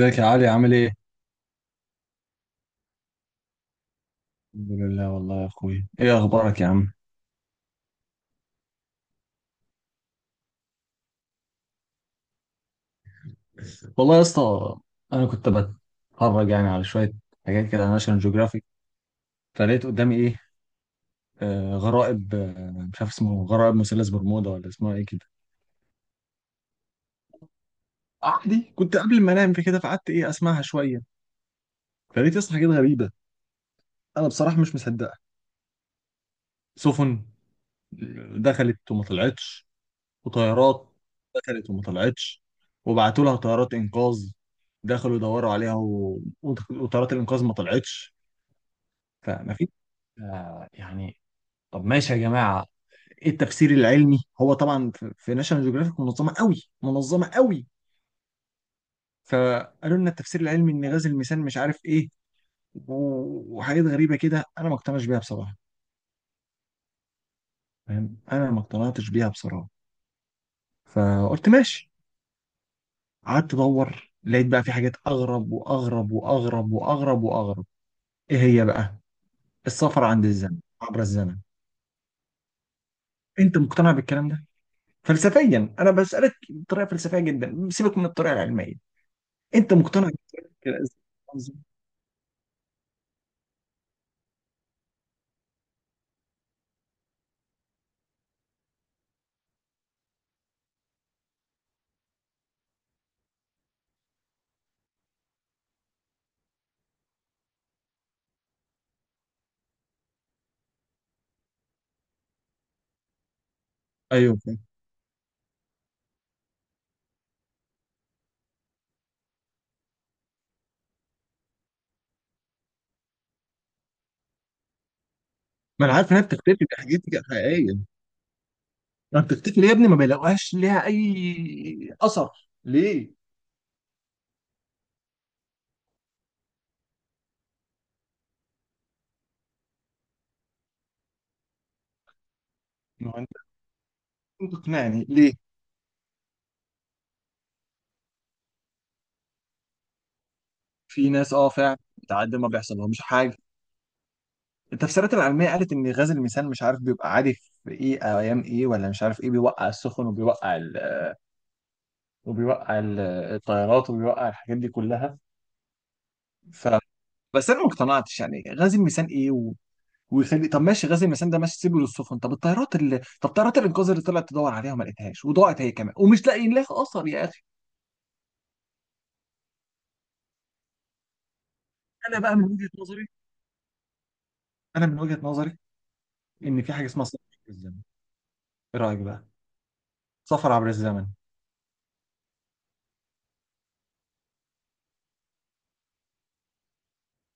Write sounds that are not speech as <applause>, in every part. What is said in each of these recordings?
ازيك يا علي؟ عامل ايه؟ الحمد لله والله يا اخوي، ايه اخبارك يا عم؟ والله يا اسطى، انا كنت بتفرج يعني على شويه حاجات كده على ناشونال جيوغرافيك، فلقيت قدامي ايه. آه، غرائب. آه مش عارف اسمه غرائب مثلث برمودا ولا اسمها ايه كده. عادي كنت قبل ما انام في كده فقعدت ايه اسمعها شويه، فلقيت يا اسطى حاجات غريبه. انا بصراحه مش مصدقها. سفن دخلت وما طلعتش، وطيارات دخلت وما طلعتش، وبعتوا لها طيارات انقاذ دخلوا يدوروا عليها و... وت- وطيارات الانقاذ ما طلعتش. فما في، آه يعني، طب ماشي يا جماعة، ايه التفسير العلمي؟ هو طبعا في ناشونال جيوغرافيك منظمه قوي، منظمه قوي، فقالوا لنا التفسير العلمي ان غاز الميثان مش عارف ايه و- وحاجات غريبه كده انا ما اقتنعش بيها بصراحه. فاهم، انا ما اقتنعتش بيها بصراحه، فقلت ماشي. قعدت ادور لقيت بقى في حاجات اغرب واغرب واغرب واغرب واغرب. ايه هي بقى؟ السفر عند الزمن، عبر الزمن. انت مقتنع بالكلام ده؟ فلسفيا انا بسالك بطريقه فلسفيه جدا، سيبك من الطريقه العلميه. انت مقتنع بالكلام ده؟ ايوه فاهم. ما انا عارف انها بتختفي، دي حاجات حقيقيه. ما بتختفي ليه يا ابني؟ ما بيلاقوهاش ليها اي اثر، ليه؟ ما هو انت لازم تقنعني ليه. في ناس اه فعلا بتعدي ما بيحصل لهمش حاجه. التفسيرات العلمية قالت إن غاز الميثان مش عارف بيبقى عادي في إيه أو أيام إيه ولا مش عارف إيه بيوقع السفن، وبيوقع ال... وبيوقع ال... الطيارات وبيوقع الحاجات دي كلها. ف، بس أنا ما اقتنعتش يعني غاز الميثان إيه و... ويخلي، طب ماشي غاز الميثان ده ماشي سيبه للسفن، طب الطيارات اللي طب طيارات الإنقاذ اللي طلعت تدور عليها وما لقيتهاش وضاعت هي كمان ومش لاقيين لها أثر يا أخي. أنا بقى من وجهة نظري، أنا من وجهة نظري إن في حاجة اسمها سفر عبر الزمن. إيه رأيك بقى؟ سفر عبر الزمن.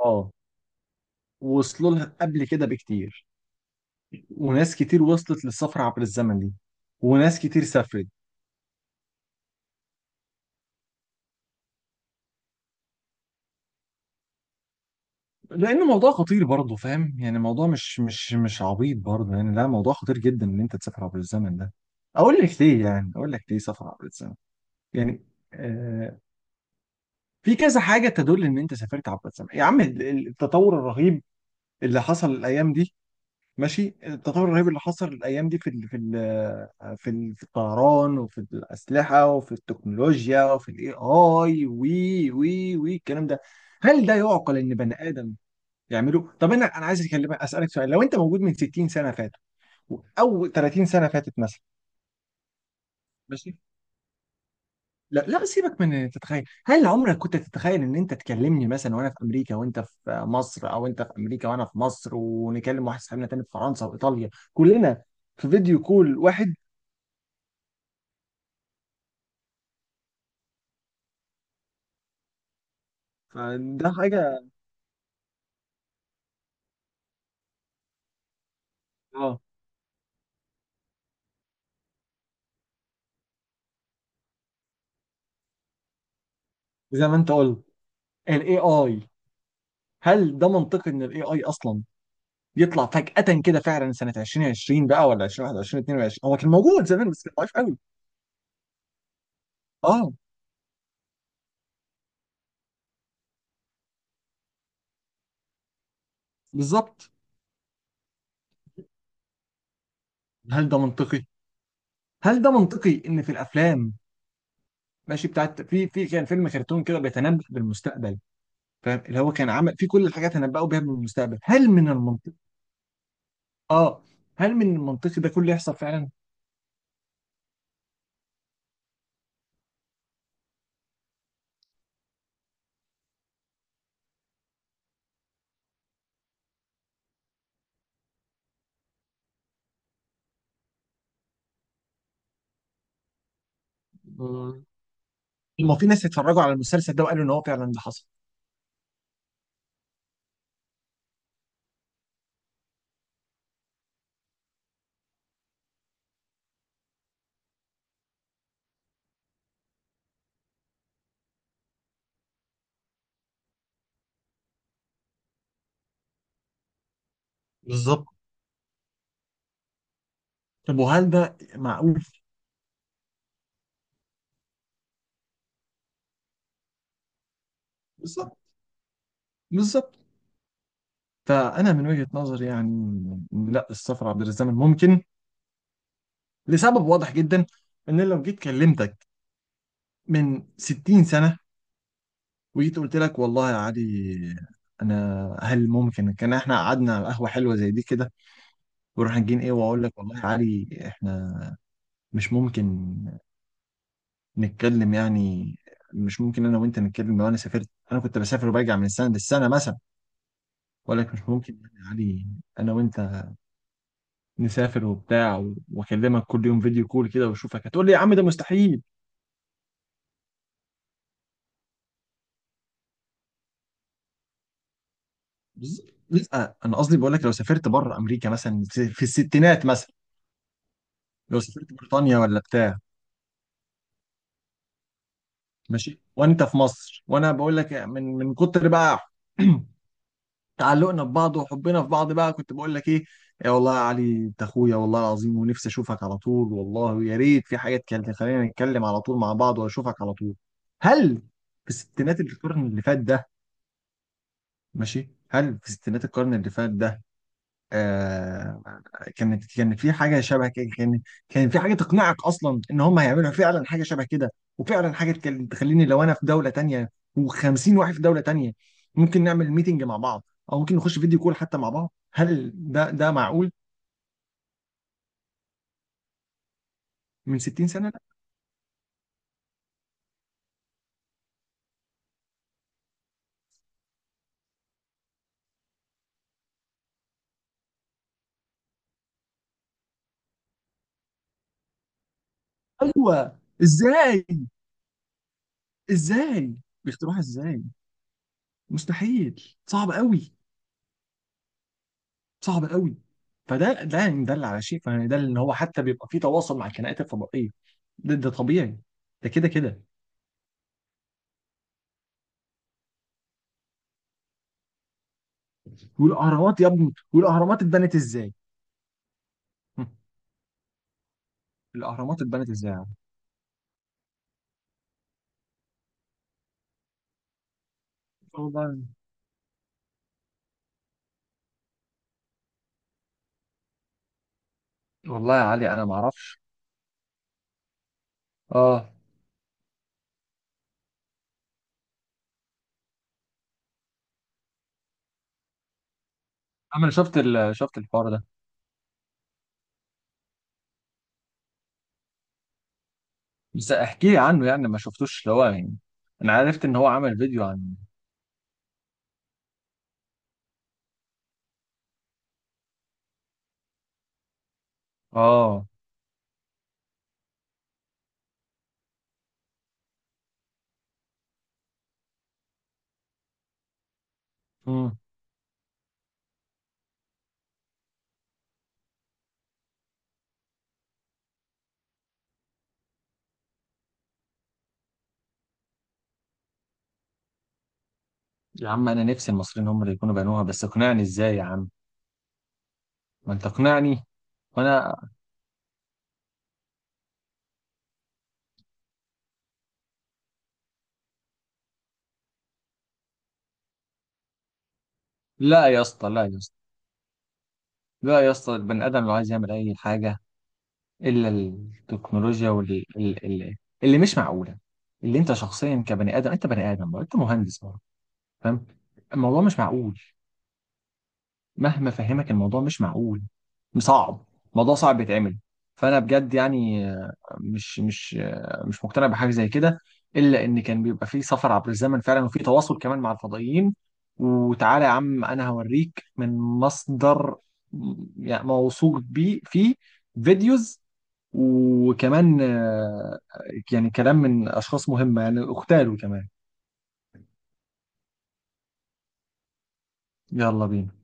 أه، وصلوا لها قبل كده بكتير، وناس كتير وصلت للسفر عبر الزمن دي، وناس كتير سافرت. لان موضوع خطير برضه، فاهم يعني موضوع مش عبيط برضه، يعني لا، موضوع خطير جدا ان انت تسافر عبر الزمن ده. اقول لك ليه، يعني اقول لك ليه سفر عبر الزمن؟ يعني آه، في كذا حاجه تدل ان انت سافرت عبر الزمن يا عم. التطور الرهيب اللي حصل الايام دي، ماشي التطور الرهيب اللي حصل الايام دي في الطيران وفي الاسلحه وفي التكنولوجيا وفي الاي اي وي وي وي الكلام ده. هل ده يعقل ان بني ادم يعمله؟ طب انا عايز اكلمك اسالك سؤال، لو انت موجود من 60 سنه فاتوا او 30 سنه فاتت مثلا ماشي، لا لا سيبك من إن تتخيل، هل عمرك كنت تتخيل ان انت تكلمني مثلا وانا في امريكا وانت في مصر، او انت في امريكا وانا في مصر، ونكلم واحد صاحبنا تاني في فرنسا وايطاليا كلنا في فيديو كول واحد؟ فده حاجه. اه، زي ما انت قلت، الاي اي، هل ده منطقي ان الاي اي اصلا يطلع فجأة كده؟ فعلا سنة 2020 بقى ولا 2021 22، هو كان موجود زمان بس كان ضعيف قوي. اه بالظبط. هل ده منطقي؟ هل ده منطقي ان في الافلام، ماشي بتاعت، في كان فيلم كرتون كده بيتنبأ بالمستقبل، فاهم اللي هو كان عمل في كل الحاجات تنبأوا بيها بالمستقبل. هل من المنطقي؟ اه، هل من المنطقي ده كله يحصل فعلا؟ ما في ناس اتفرجوا على المسلسل ده وقالوا ان هو فعلا ده حصل. بالظبط، طب وهل ده معقول؟ بالظبط، بالظبط. فأنا من وجهة نظري يعني إن لا، السفر عبر الزمن ممكن لسبب واضح جدا، إن لو جيت كلمتك من 60 سنة وجيت قلت لك والله يا علي، أنا هل ممكن كان إحنا قعدنا على قهوة حلوة زي دي كده ورحنا جين إيه، وأقول لك والله يا علي إحنا مش ممكن نتكلم يعني، مش ممكن أنا وأنت نتكلم. لو أنا سافرت، أنا كنت بسافر وبرجع من السنة للسنة مثلا، وأقول لك مش ممكن يعني يا علي انا وانت نسافر وبتاع و- واكلمك كل يوم فيديو كول كده واشوفك، هتقول لي يا عم ده مستحيل. لا انا قصدي بقول لك لو سافرت بره امريكا مثلا، في الستينات مثلا، لو سافرت بريطانيا ولا بتاع ماشي وانت في مصر، وانا بقول لك من كتر بقى <clears throat> تعلقنا ببعض وحبنا في بعض بقى، كنت بقول لك ايه، يا والله يا علي انت اخويا والله العظيم، ونفسي اشوفك على طول والله، ويا ريت في حاجه تكلم خلينا نتكلم على طول مع بعض واشوفك على طول. هل في الستينات القرن اللي فات ده ماشي، هل في ستينات القرن اللي فات ده آه، كانت كان في حاجه شبه كده؟ كان كان في حاجه تقنعك اصلا ان هم هيعملوا فعلا حاجه شبه كده؟ وفعلا حاجه تخليني لو انا في دوله تانية و50 واحد في دوله تانية ممكن نعمل ميتنج مع بعض او ممكن نخش فيديو كول حتى مع بعض؟ هل ده معقول من 60 سنه؟ لا. ايوه ازاي، ازاي بيخترعها ازاي؟ مستحيل، صعب قوي، صعب قوي. فده ده يعني دل على شيء، فيعني ده ان هو حتى بيبقى في تواصل مع الكائنات الفضائيه. ده، ده طبيعي، ده كده كده. والاهرامات يا ابني، والاهرامات اتبنت ازاي؟ هم، الاهرامات اتبنت ازاي يا عم؟ والله والله يا علي انا ما اعرفش. اه، انا شفت ال... شفت الحوار ده بس احكي لي عنه يعني، ما شفتوش اللي هو يعني، انا عرفت ان هو عمل فيديو عن. اه، مم. يا عم انا نفسي المصريين هم اللي يكونوا بنوها بس اقنعني ازاي يا عم، ما انت اقنعني. وانا، لا يا اسطى لا يا اسطى لا يا اسطى، البني ادم لو عايز يعمل اي حاجه الا التكنولوجيا، واللي اللي، اللي مش معقوله، اللي انت شخصيا كبني ادم، انت بني ادم برضه، انت مهندس برضه، فاهم. الموضوع مش معقول، مهما فهمك الموضوع مش معقول، صعب، الموضوع صعب بيتعمل. فانا بجد يعني مش مش مش مقتنع بحاجه زي كده الا ان كان بيبقى فيه سفر عبر الزمن فعلا، وفي تواصل كمان مع الفضائيين. وتعالى يا عم انا هوريك من مصدر يعني موثوق بيه، فيه فيديوز وكمان آه، يعني كلام من اشخاص مهمه يعني اغتالوا كمان. يلا بينا.